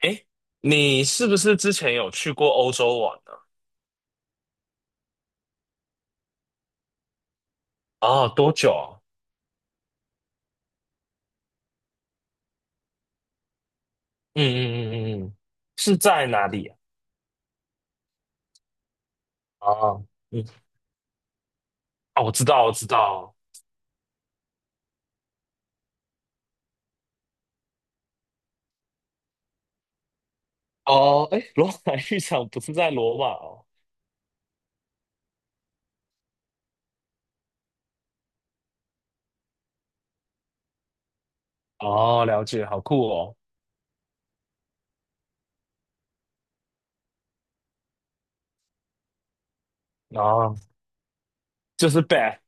诶，你是不是之前有去过欧洲玩呢？哦，多久啊？嗯嗯嗯嗯嗯，是在哪里啊？哦，嗯，哦，我知道，我知道。哦，哎，罗马浴场不是在罗马哦。哦，了解，好酷哦。哦，就是 BADH，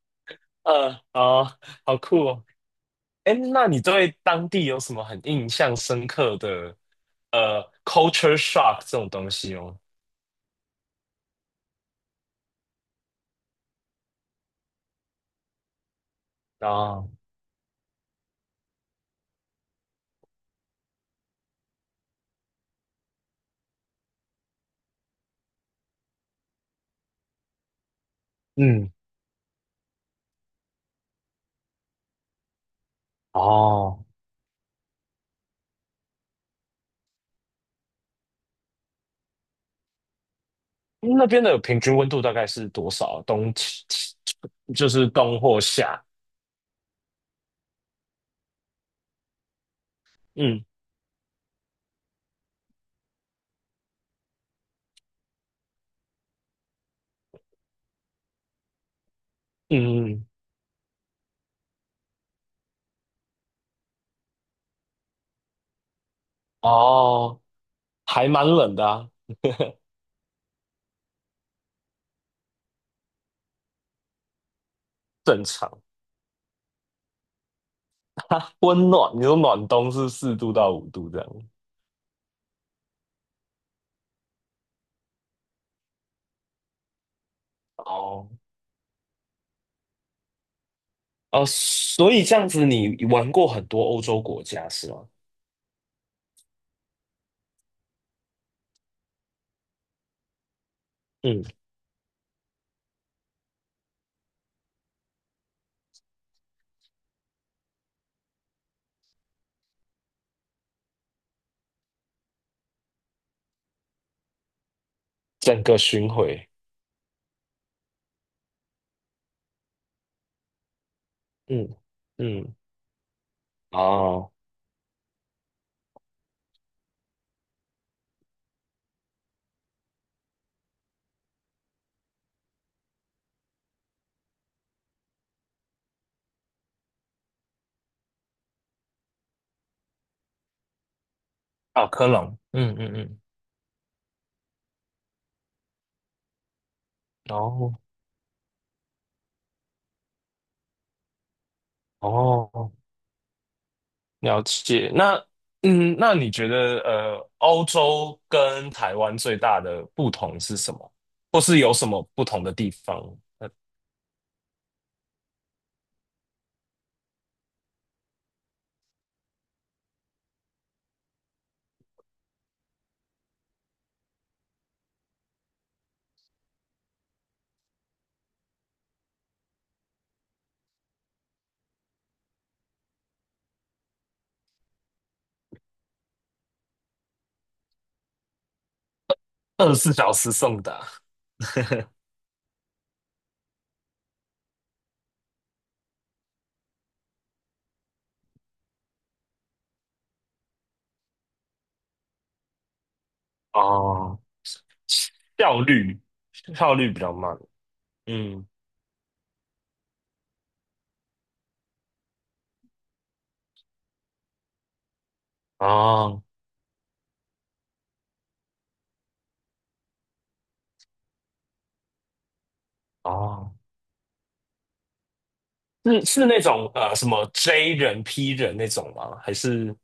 哦，好酷哦。哎，那你对当地有什么很印象深刻的culture shock 这种东西哦？啊，嗯，哦，那边的平均温度大概是多少？冬，就是冬或夏。嗯嗯嗯，哦，还蛮冷的啊，正常。温暖，你说暖冬是4度到5度这样。哦哦，所以这样子你玩过很多欧洲国家是吗？嗯，整个巡回。嗯嗯，哦，啊，科隆。嗯嗯嗯，哦哦。了解。那你觉得欧洲跟台湾最大的不同是什么？或是有什么不同的地方？呃24小时送达 哦，效率效率比较慢。嗯，哦哦，是那种什么 J 人 P 人那种吗？还是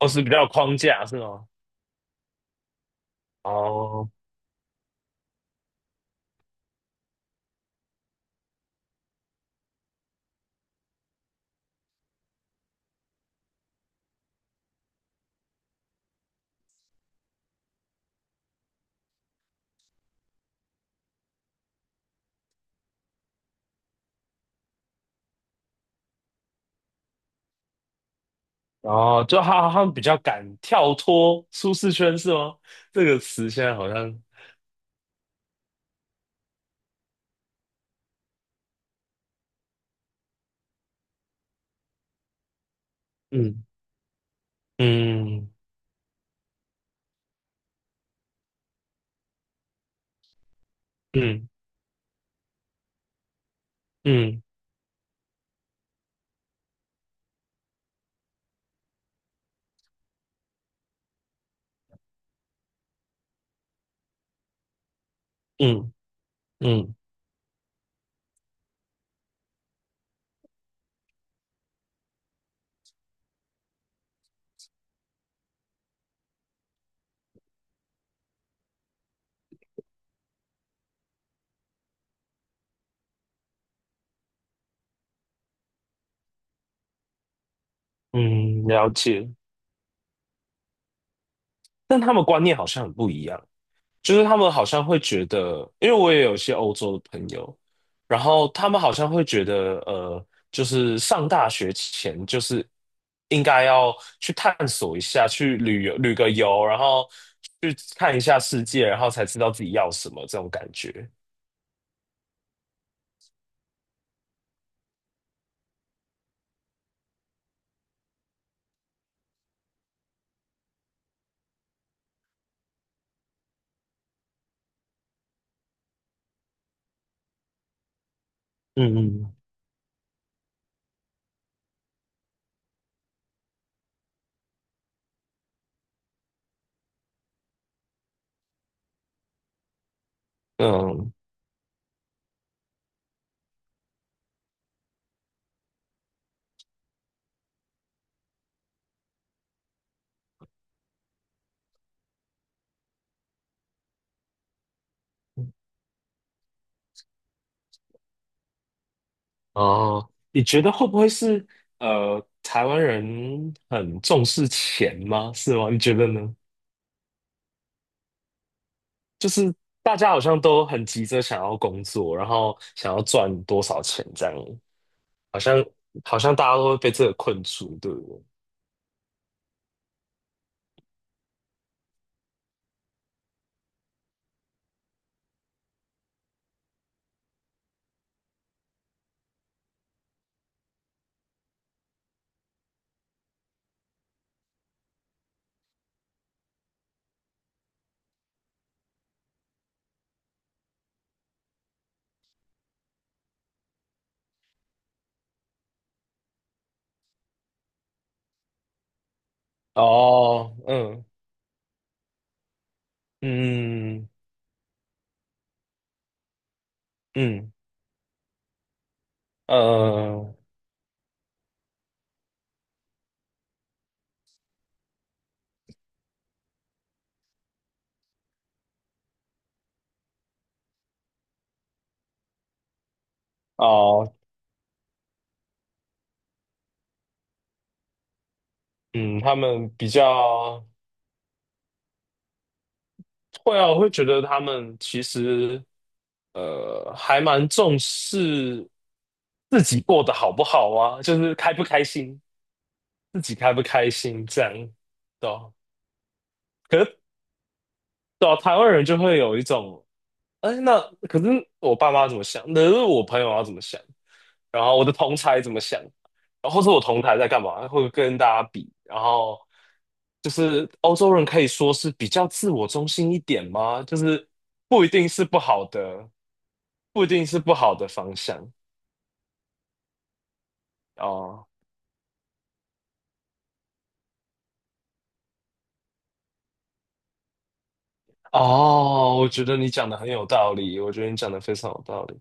哦是比较有框架是吗？哦哦，就他们比较敢跳脱舒适圈是吗？这个词现在好像。嗯。嗯嗯嗯嗯嗯嗯，了解。但他们观念好像很不一样，就是他们好像会觉得，因为我也有一些欧洲的朋友，然后他们好像会觉得，就是上大学前就是应该要去探索一下，去旅游旅个游，然后去看一下世界，然后才知道自己要什么这种感觉。嗯嗯嗯。哦，你觉得会不会是台湾人很重视钱吗？是吗？你觉得呢？就是大家好像都很急着想要工作，然后想要赚多少钱这样，好像好像大家都会被这个困住，对不对？哦，嗯嗯嗯嗯呃哦嗯，他们比较会啊，我会觉得他们其实还蛮重视自己过得好不好啊，就是开不开心，自己开不开心这样，对啊可是对啊，台湾人就会有一种，哎，那可是我爸妈怎么想？可是我朋友要怎么想？然后我的同才怎么想，然后或是我同台在干嘛，会跟大家比，然后就是欧洲人可以说是比较自我中心一点吗？就是不一定是不好的，不一定是不好的方向哦哦，我觉得你讲的很有道理，我觉得你讲的非常有道理。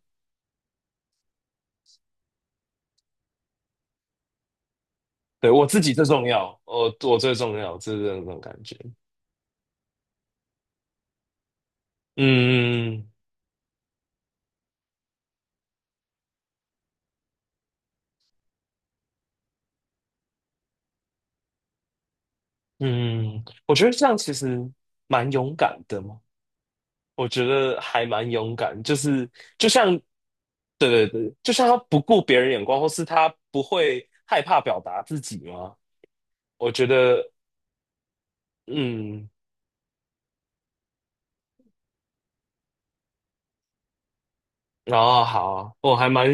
对，我自己最重要，我最重要，就是这种感觉。嗯嗯，我觉得这样其实蛮勇敢的嘛。我觉得还蛮勇敢，就是就像，对对对，就像他不顾别人眼光，或是他不会害怕表达自己吗？我觉得，嗯，然后好，我还蛮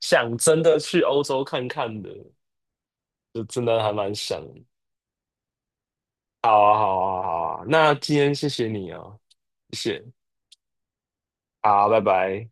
想真的去欧洲看看的，就真的还蛮想。好啊，好啊，好啊，那今天谢谢你啊，谢谢，好，拜拜。